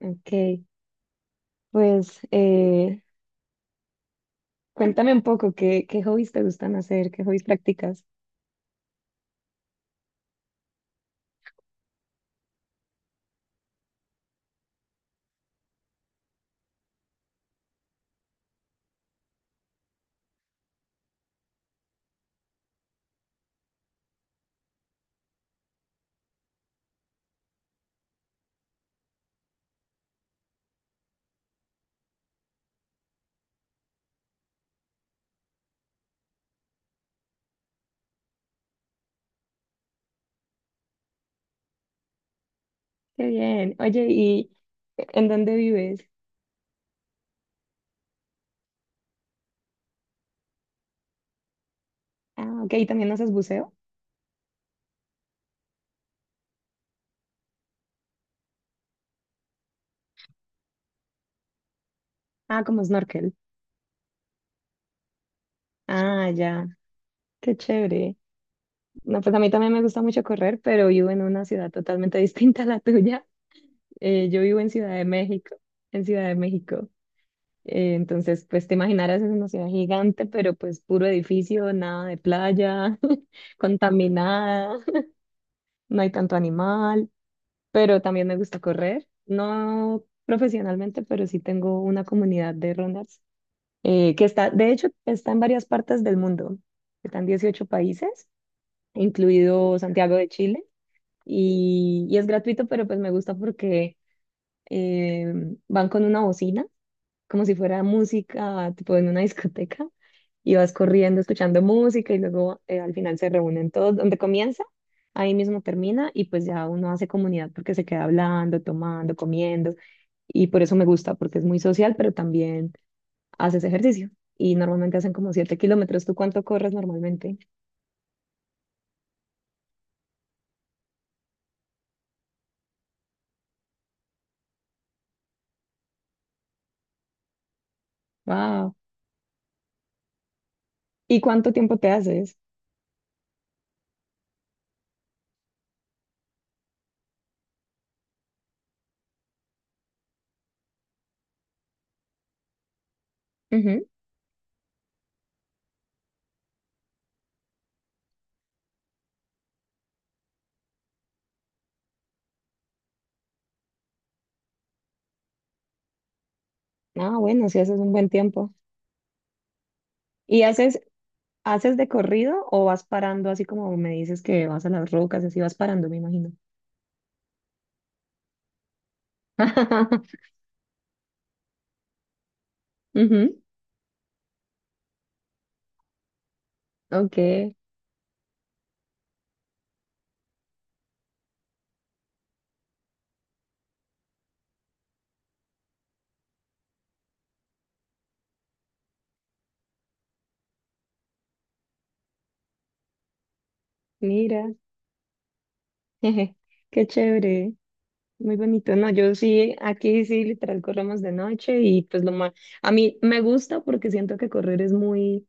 Ok, pues cuéntame un poco. ¿Qué hobbies te gustan hacer? ¿Qué hobbies practicas? Qué bien. Oye, ¿y en dónde vives? Ah, ok, ¿y también haces buceo? Ah, como snorkel. Ah, ya, qué chévere. No, pues a mí también me gusta mucho correr, pero vivo en una ciudad totalmente distinta a la tuya. Yo vivo en Ciudad de México, en Ciudad de México. Entonces, pues te imaginarás, es una ciudad gigante, pero pues puro edificio, nada de playa, contaminada, no hay tanto animal. Pero también me gusta correr, no profesionalmente, pero sí tengo una comunidad de runners, que está, de hecho, está en varias partes del mundo, están 18 países, incluido Santiago de Chile, y, es gratuito, pero pues me gusta porque eh, van con una bocina, como si fuera música, tipo en una discoteca, y vas corriendo escuchando música y luego al final se reúnen todos. Donde comienza, ahí mismo termina y pues ya uno hace comunidad porque se queda hablando, tomando, comiendo y por eso me gusta porque es muy social, pero también haces ejercicio y normalmente hacen como 7 kilómetros. ¿Tú cuánto corres normalmente? Wow. ¿Y cuánto tiempo te haces? Ujú. Ah, bueno, si haces un buen tiempo. ¿Y haces, de corrido o vas parando así como me dices que vas a las rocas, así vas parando, me imagino? Ujú. Ok. Mira, jeje, qué chévere, muy bonito. No, yo sí, aquí sí, literal, corremos de noche y pues lo más, a mí me gusta porque siento que correr es muy,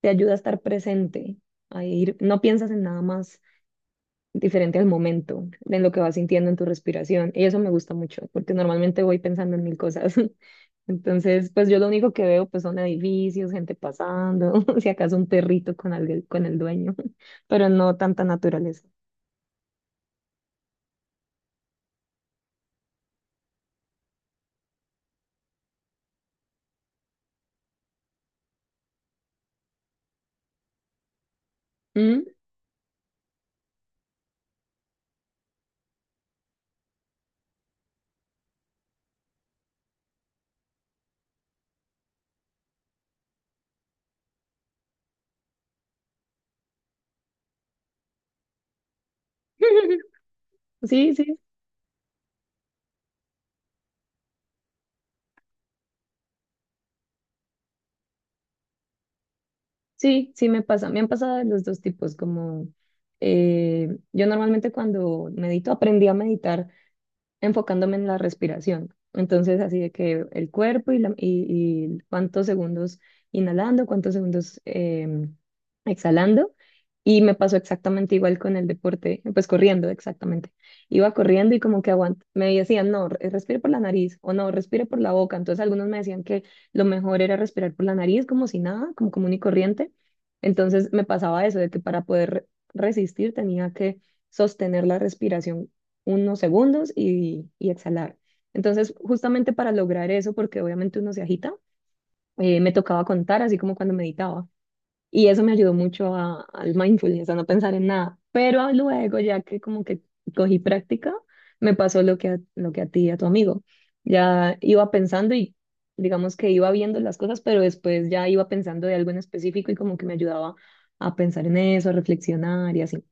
te ayuda a estar presente, a ir, no piensas en nada más diferente al momento, en lo que vas sintiendo en tu respiración. Y eso me gusta mucho porque normalmente voy pensando en mil cosas. Entonces, pues yo lo único que veo pues son edificios, gente pasando, si acaso un perrito con alguien, con el dueño, pero no tanta naturaleza. ¿Mm? Sí, sí, sí, sí, me pasa. Me han pasado de los dos tipos, como yo normalmente cuando medito, aprendí a meditar enfocándome en la respiración. Entonces, así de que el cuerpo y cuántos segundos inhalando, cuántos segundos exhalando. Y me pasó exactamente igual con el deporte, pues corriendo, exactamente. Iba corriendo y como que aguant me decían, no, respire por la nariz o no, respire por la boca. Entonces algunos me decían que lo mejor era respirar por la nariz como si nada, como común y corriente. Entonces me pasaba eso, de que para poder resistir tenía que sostener la respiración unos segundos y exhalar. Entonces, justamente para lograr eso, porque obviamente uno se agita, me tocaba contar, así como cuando meditaba. Y eso me ayudó mucho al mindfulness, a no pensar en nada. Pero luego, ya que como que cogí práctica, me pasó lo que a ti y a tu amigo. Ya iba pensando y digamos que iba viendo las cosas, pero después ya iba pensando de algo en específico y como que me ayudaba a pensar en eso, a reflexionar y así.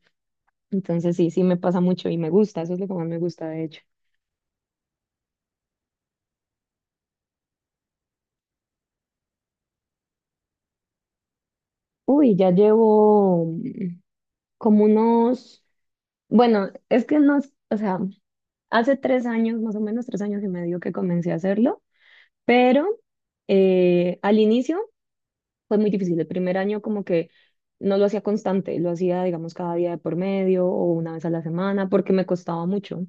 Entonces sí, sí me pasa mucho y me gusta, eso es lo que más me gusta de hecho. Uy, ya llevo como unos, bueno, es que no, o sea, hace 3 años, más o menos 3 años y medio que comencé a hacerlo, pero al inicio fue muy difícil. El primer año como que no lo hacía constante, lo hacía, digamos, cada día de por medio o una vez a la semana porque me costaba mucho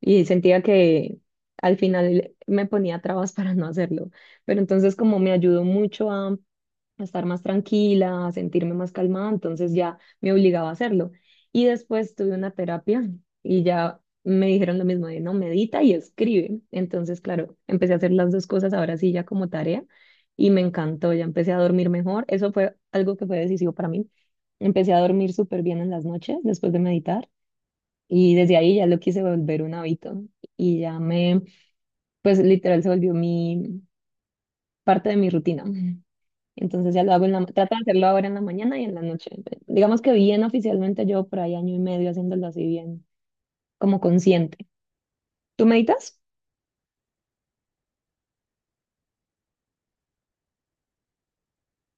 y sentía que al final me ponía trabas para no hacerlo. Pero entonces como me ayudó mucho a estar más tranquila, a sentirme más calmada, entonces ya me obligaba a hacerlo. Y después tuve una terapia y ya me dijeron lo mismo de no, medita y escribe. Entonces, claro, empecé a hacer las dos cosas ahora sí ya como tarea y me encantó, ya empecé a dormir mejor. Eso fue algo que fue decisivo para mí. Empecé a dormir súper bien en las noches después de meditar y desde ahí ya lo quise volver un hábito y ya me, pues literal se volvió mi, parte de mi rutina. Entonces ya lo hago en la, trato de hacerlo ahora en la mañana y en la noche. Digamos que bien oficialmente yo por ahí 1 año y medio haciéndolo así bien, como consciente. ¿Tú meditas?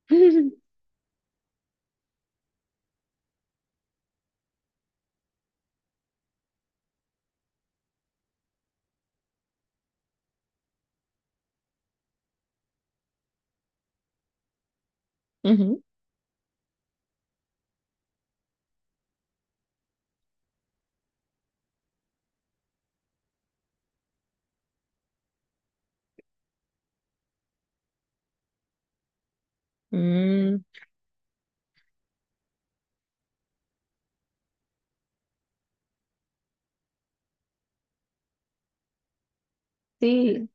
Ujú. Mm, sí.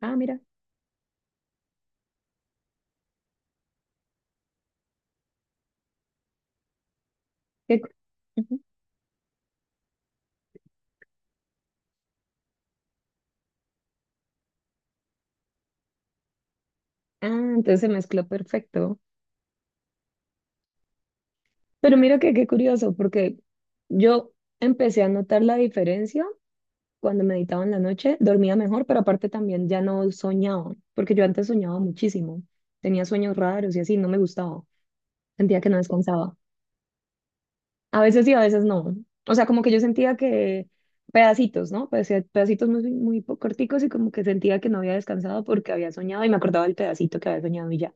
Ah, mira. qué cu- ujú. Ah, entonces se mezcló perfecto. Pero mira que qué curioso, porque yo empecé a notar la diferencia cuando meditaba en la noche, dormía mejor, pero aparte también ya no soñaba, porque yo antes soñaba muchísimo. Tenía sueños raros y así, no me gustaba. Sentía que no descansaba. A veces sí, a veces no. O sea, como que yo sentía que pedacitos, ¿no? Pedacitos muy, muy corticos y como que sentía que no había descansado porque había soñado y me acordaba del pedacito que había soñado y ya.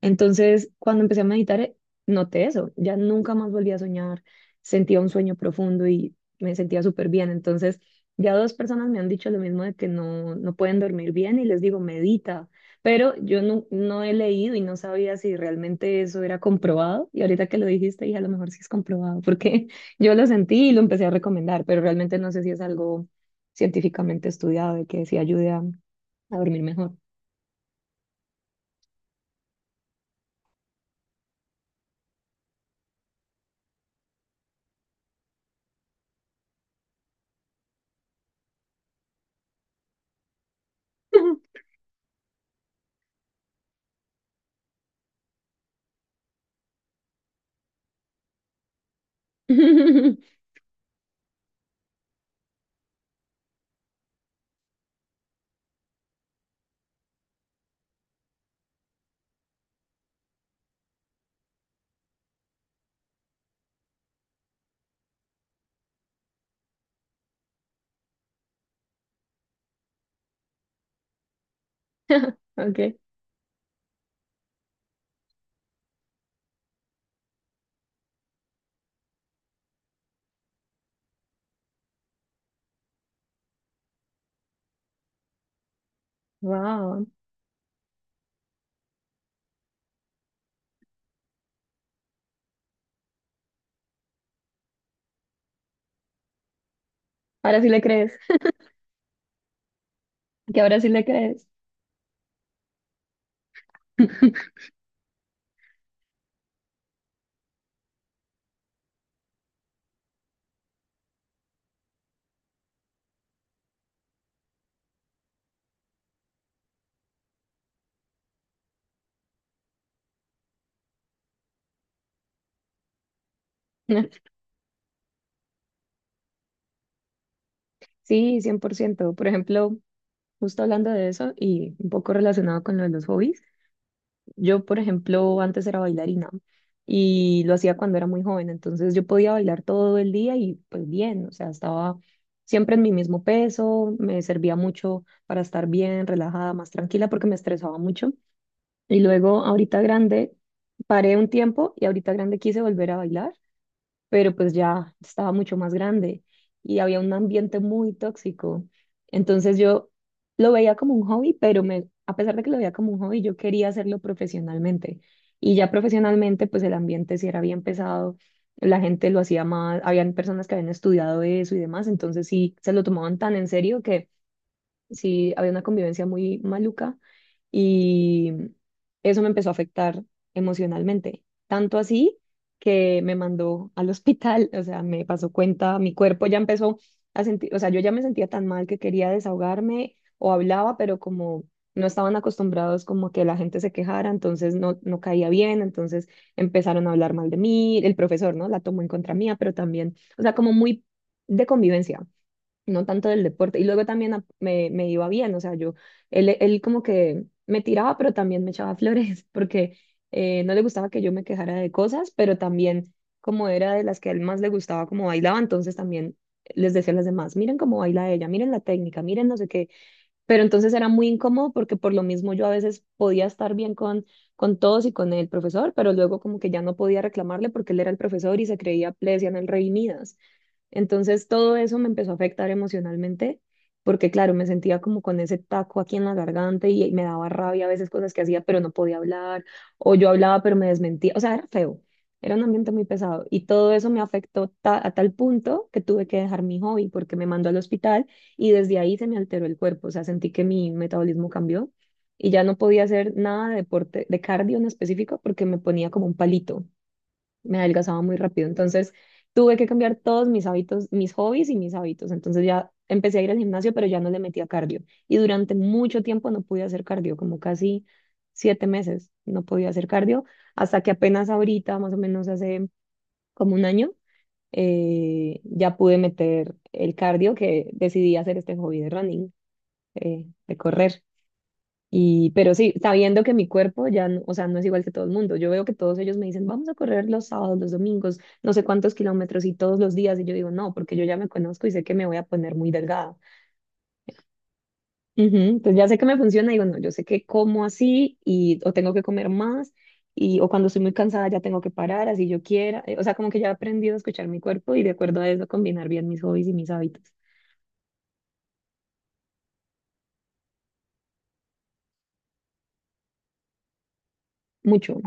Entonces, cuando empecé a meditar, noté eso. Ya nunca más volví a soñar. Sentía un sueño profundo y me sentía súper bien. Entonces, ya dos personas me han dicho lo mismo de que no, no pueden dormir bien y les digo, medita. Pero yo no, no he leído y no sabía si realmente eso era comprobado. Y ahorita que lo dijiste, dije, a lo mejor sí es comprobado, porque yo lo sentí y lo empecé a recomendar, pero realmente no sé si es algo científicamente estudiado de que sí ayude a dormir mejor. Ok. Wow. Ahora sí le crees, que ahora sí le crees. Sí, 100%. Por ciento. Por ejemplo, justo hablando de eso y un poco relacionado con lo de los hobbies, yo, por ejemplo, antes era bailarina y lo hacía cuando era muy joven, entonces yo podía bailar todo el día y pues bien, o sea, estaba siempre en mi mismo peso, me servía mucho para estar bien, relajada, más tranquila porque me estresaba mucho. Y luego, ahorita grande, paré un tiempo y ahorita grande quise volver a bailar pero pues ya estaba mucho más grande y había un ambiente muy tóxico. Entonces yo lo veía como un hobby, pero me, a pesar de que lo veía como un hobby, yo quería hacerlo profesionalmente. Y ya profesionalmente, pues el ambiente sí era bien pesado, la gente lo hacía más, habían personas que habían estudiado eso y demás, entonces sí se lo tomaban tan en serio, sí había una convivencia muy maluca y eso me empezó a afectar emocionalmente, tanto así que me mandó al hospital, o sea, me pasó cuenta, mi cuerpo ya empezó a sentir, o sea, yo ya me sentía tan mal que quería desahogarme o hablaba, pero como no estaban acostumbrados como que la gente se quejara, entonces no, no caía bien, entonces empezaron a hablar mal de mí, el profesor, ¿no? La tomó en contra mía, pero también, o sea, como muy de convivencia no tanto del deporte. Y luego también me iba bien, o sea, yo, él como que me tiraba, pero también me echaba flores, porque no le gustaba que yo me quejara de cosas, pero también como era de las que a él más le gustaba como bailaba, entonces también les decía a las demás, miren cómo baila ella, miren la técnica, miren no sé qué. Pero entonces era muy incómodo porque por lo mismo yo a veces podía estar bien con todos y con el profesor, pero luego como que ya no podía reclamarle porque él era el profesor y se creía, le decían el rey Midas. Entonces todo eso me empezó a afectar emocionalmente, porque claro, me sentía como con ese taco aquí en la garganta y me daba rabia a veces cosas que hacía, pero no podía hablar, o yo hablaba pero me desmentía, o sea, era feo, era un ambiente muy pesado y todo eso me afectó a tal punto que tuve que dejar mi hobby porque me mandó al hospital y desde ahí se me alteró el cuerpo, o sea, sentí que mi metabolismo cambió. Y ya no podía hacer nada de deporte, de cardio en específico, porque me ponía como un palito, me adelgazaba muy rápido. Entonces tuve que cambiar todos mis hábitos, mis hobbies y mis hábitos. Entonces ya empecé a ir al gimnasio, pero ya no le metía cardio. Y durante mucho tiempo no pude hacer cardio, como casi 7 meses no podía hacer cardio, hasta que apenas ahorita, más o menos hace como un año, ya pude meter el cardio que decidí hacer este hobby de running, de correr. Y, pero sí, sabiendo que mi cuerpo ya, o sea, no es igual que todo el mundo. Yo veo que todos ellos me dicen, vamos a correr los sábados, los domingos, no sé cuántos kilómetros y todos los días. Y yo digo, no, porque yo ya me conozco y sé que me voy a poner muy delgada. Ujú. Entonces ya sé que me funciona, digo, no, yo sé que como así y o tengo que comer más y o cuando estoy muy cansada ya tengo que parar, así yo quiera. O sea, como que ya he aprendido a escuchar mi cuerpo y de acuerdo a eso combinar bien mis hobbies y mis hábitos. Mucho.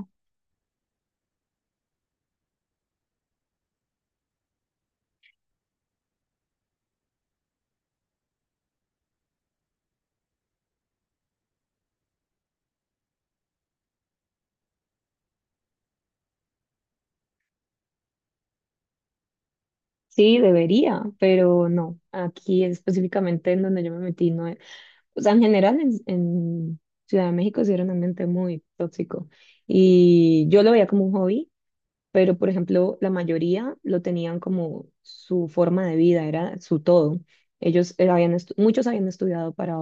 Sí, debería, pero no. Aquí específicamente en donde yo me metí no. O sea, en general en Ciudad de México sí era un ambiente muy tóxico y yo lo veía como un hobby, pero por ejemplo la mayoría lo tenían como su forma de vida, era su todo. Ellos muchos habían estudiado para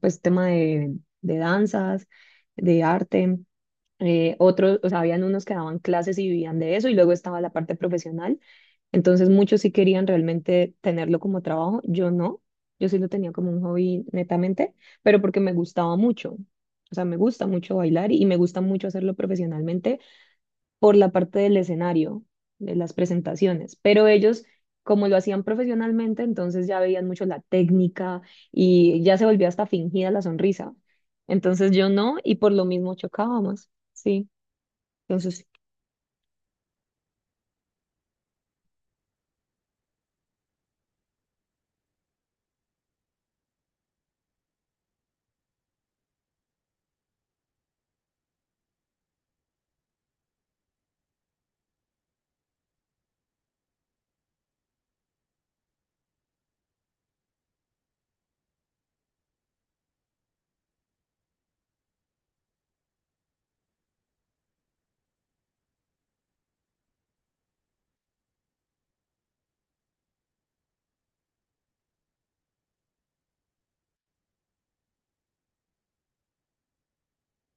pues tema de danzas, de arte, otros, o sea, habían unos que daban clases y vivían de eso y luego estaba la parte profesional, entonces muchos sí querían realmente tenerlo como trabajo, yo no, yo sí lo tenía como un hobby netamente, pero porque me gustaba mucho. O sea, me gusta mucho bailar y me gusta mucho hacerlo profesionalmente por la parte del escenario, de las presentaciones. Pero ellos, como lo hacían profesionalmente, entonces ya veían mucho la técnica y ya se volvía hasta fingida la sonrisa. Entonces yo no, y por lo mismo chocábamos, sí. Entonces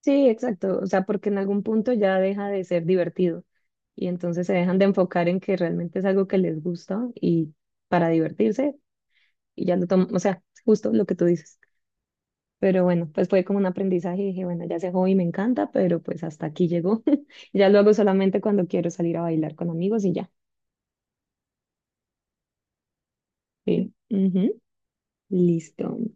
Sí, exacto. O sea, porque en algún punto ya deja de ser divertido y entonces se dejan de enfocar en que realmente es algo que les gusta y para divertirse y ya lo toman, o sea, justo lo que tú dices. Pero bueno, pues fue como un aprendizaje y dije, bueno, ya ese hobby me encanta, pero pues hasta aquí llegó. Ya lo hago solamente cuando quiero salir a bailar con amigos y ya. Sí. Ujú. Listo.